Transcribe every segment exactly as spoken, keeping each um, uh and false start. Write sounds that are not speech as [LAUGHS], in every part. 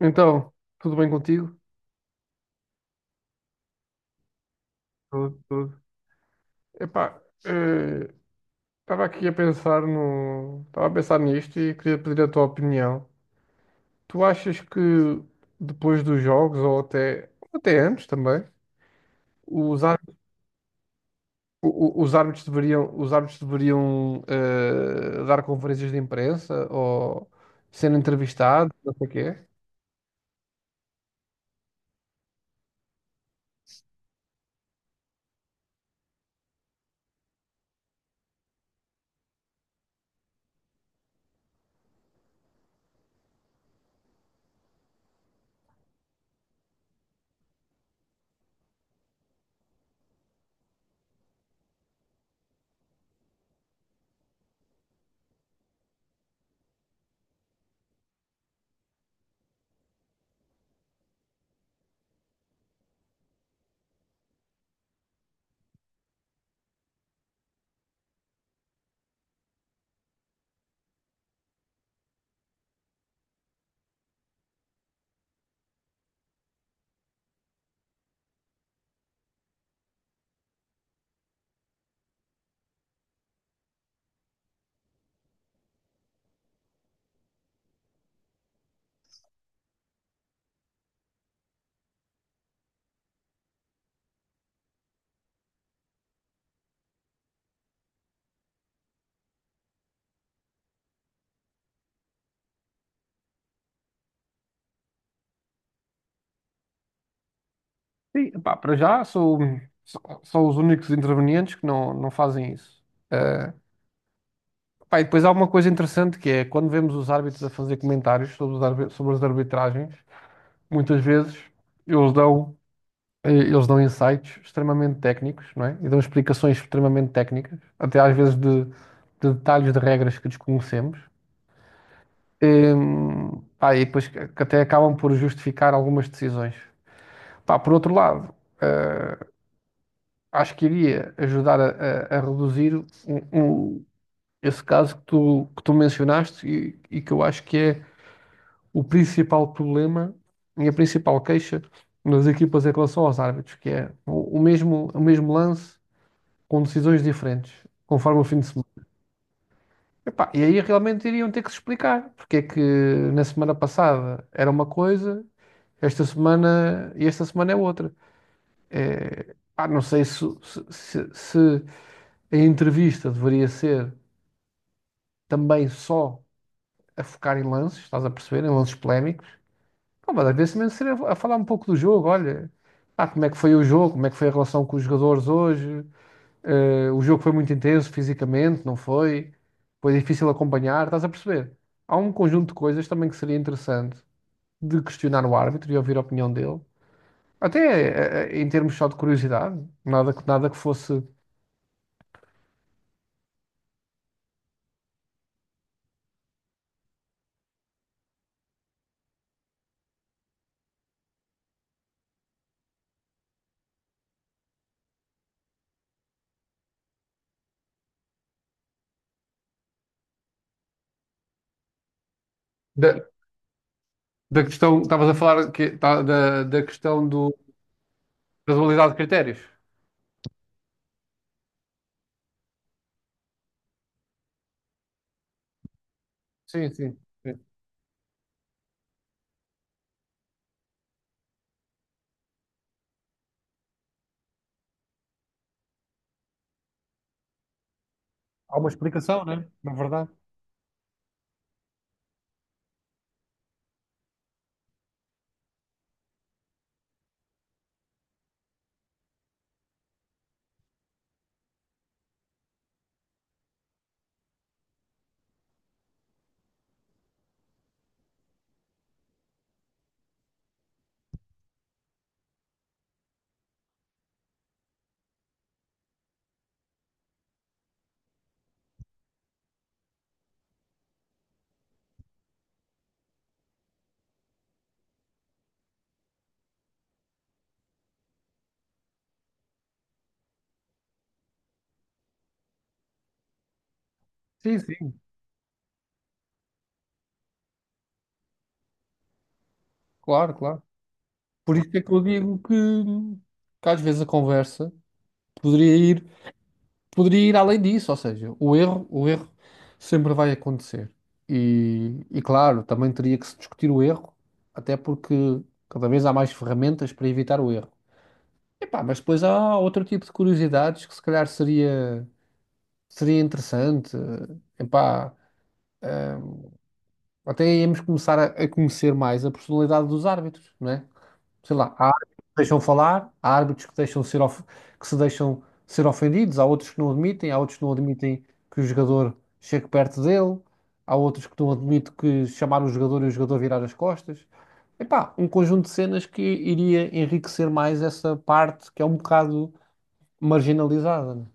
Então, tudo bem contigo? Tudo, tudo. Epá, estava aqui a pensar no, estava a pensar nisto e queria pedir a tua opinião. Tu achas que depois dos jogos ou até até antes também, os, ár- o- o- os árbitros deveriam, os árbitros deveriam eh, dar conferências de imprensa ou ser entrevistados, não sei o quê? Sim, epá, para já sou, sou, sou os únicos intervenientes que não, não fazem isso. Pá, e depois há uma coisa interessante que é quando vemos os árbitros a fazer comentários sobre, os arbi- sobre as arbitragens, muitas vezes eles dão, eh, eles dão insights extremamente técnicos, não é? E dão explicações extremamente técnicas, até às vezes de, de detalhes de regras que desconhecemos. Em, pá, e depois que que até acabam por justificar algumas decisões. Pá, por outro lado, eh, acho que iria ajudar a, a- a reduzir um- um- esse caso que tu, que tu mencionaste e, e que eu acho que é o principal problema e a principal queixa das equipas em relação aos árbitros, que é o, o mesmo, o mesmo lance com decisões diferentes, conforme o fim de semana. Epá, e aí realmente iriam ter que se explicar porque é que na semana passada era uma coisa, esta semana e esta semana é outra. É, pá, não sei se, se- se- se a entrevista deveria ser também só a focar em lances, estás a perceber, em lances polémicos. Pô, mas às vezes também seria a falar um pouco do jogo. Olha, ah, como é que foi o jogo, como é que foi a relação com os jogadores hoje, eh, o jogo foi muito intenso fisicamente, não foi? Foi difícil acompanhar, estás a perceber? Há um conjunto de coisas também que seria interessante de questionar o árbitro e ouvir a opinião dele, até eh, eh, em termos só de curiosidade, nada que, nada que fosse. Da, da questão, estavas a falar que, tá, da, da questão do, da dualidade de critérios. Sim, sim, sim. Há uma explicação, né? Na verdade. Sim, sim, claro, claro. Por isso é que eu digo que, que às vezes a conversa poderia ir, poderia ir além disso, ou seja, o erro, o erro sempre vai acontecer. E, e claro, também teria que se discutir o erro, até porque cada vez há mais ferramentas para evitar o erro. Epá, mas depois há outro tipo de curiosidades que se calhar seria, seria interessante. Epá, eh, até íamos começar a, a conhecer mais a personalidade dos árbitros, não é? Sei lá, há árbitros que deixam falar, há árbitros que deixam ser of- que se deixam ser ofendidos, há outros que não admitem, há outros que não admitem que o jogador chegue perto dele, há outros que não admitem que chamar o jogador e o jogador virar as costas. Epá, um conjunto de cenas que iria enriquecer mais essa parte que é um bocado marginalizada, né?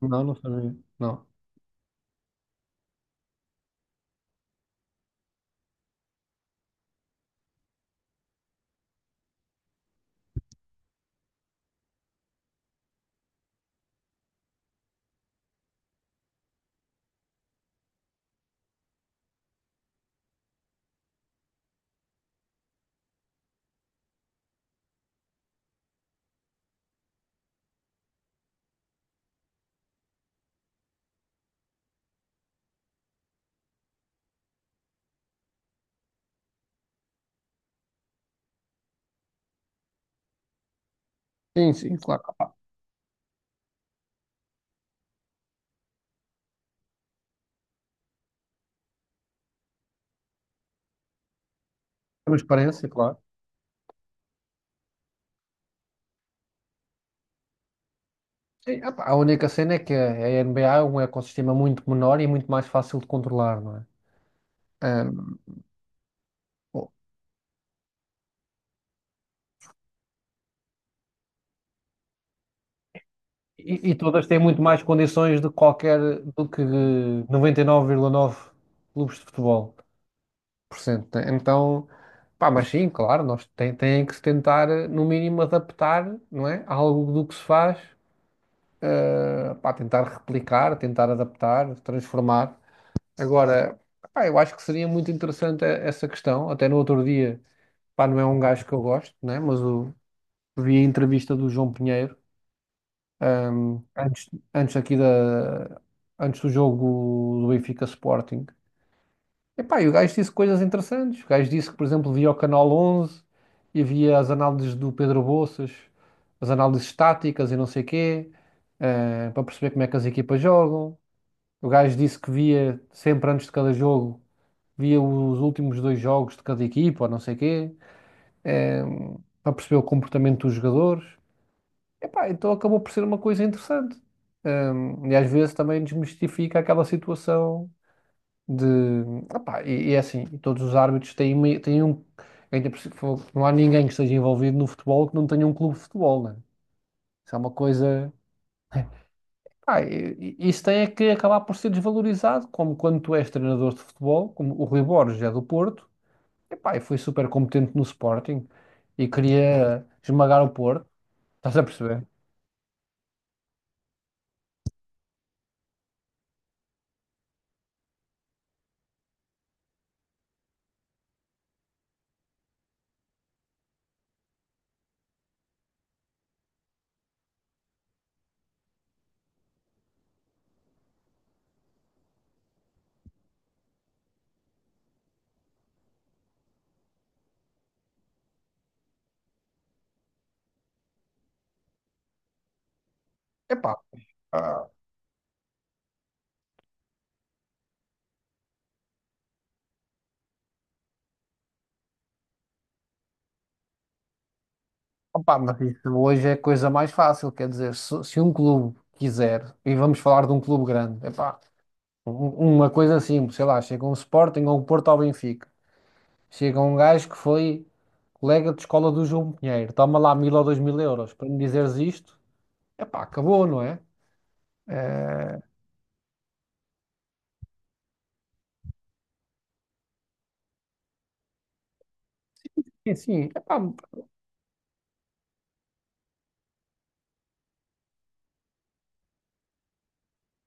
Não, não sabia. Não. Sim, sim, claro. Transparência, claro. Sim, epá, a única cena é que a a N B A é um ecossistema muito menor e muito mais fácil de controlar, não é? Ah, E, e todas têm muito mais condições de qualquer do que noventa e nove vírgula nove clubes de futebol por cento. Né? Então, pá, mas sim, claro, nós tem, têm que se tentar, eh, no mínimo, adaptar, não é? Algo do que se faz, eh, pá, tentar replicar, tentar adaptar, transformar. Agora, pá, eu acho que seria muito interessante, eh, essa questão. Até no outro dia, pá, não é um gajo que eu gosto, né? Mas o, vi a entrevista do João Pinheiro antes, antes aqui da, antes do jogo do Benfica Sporting. Epá, e o gajo disse coisas interessantes. O gajo disse que, por exemplo, via o Canal onze e via as análises do Pedro Bolsas, as análises táticas e não sei quê, eh, para perceber como é que as equipas jogam. O gajo disse que via sempre antes de cada jogo, via os últimos dois jogos de cada equipa ou não sei quê, eh, para perceber o comportamento dos jogadores. Epá, então acabou por ser uma coisa interessante. Hum, e às vezes também desmistifica aquela situação de. Epá, e, e é assim, e todos os árbitros têm, uma- têm um, ainda por cima. Não há ninguém que esteja envolvido no futebol que não tenha um clube de futebol, né? Isso é uma coisa. Pá, e- e- isso tem é que acabar por ser desvalorizado, como quando tu és treinador de futebol, como o Rui Borges é do Porto. Epá, e foi super competente no Sporting e queria esmagar o Porto, estás a perceber? Epá. Opa, mas isso hoje é a coisa mais fácil, quer dizer, se, se um clube quiser, e vamos falar de um clube grande, epá, um- uma coisa simples, sei lá, chega um Sporting ou um Porto ao Benfica, chega um gajo que foi colega de escola do João Pinheiro, toma lá mil ou dois mil euros para me dizeres isto, epá, acabou, não é? Eh, sim, sim, epá,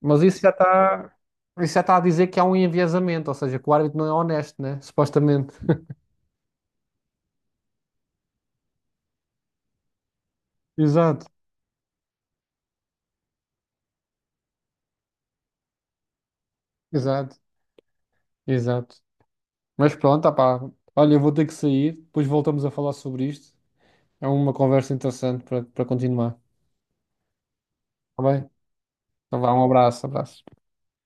mas isso já está, isso já está a dizer que há um enviesamento, ou seja, que o árbitro não é honesto, né? Supostamente. [LAUGHS] Exato, exato, exato. Mas pronto, opá. Olha, eu vou ter que sair, depois voltamos a falar sobre isto. É uma conversa interessante para para continuar. Tá bem? Então vá, um abraço, abraço.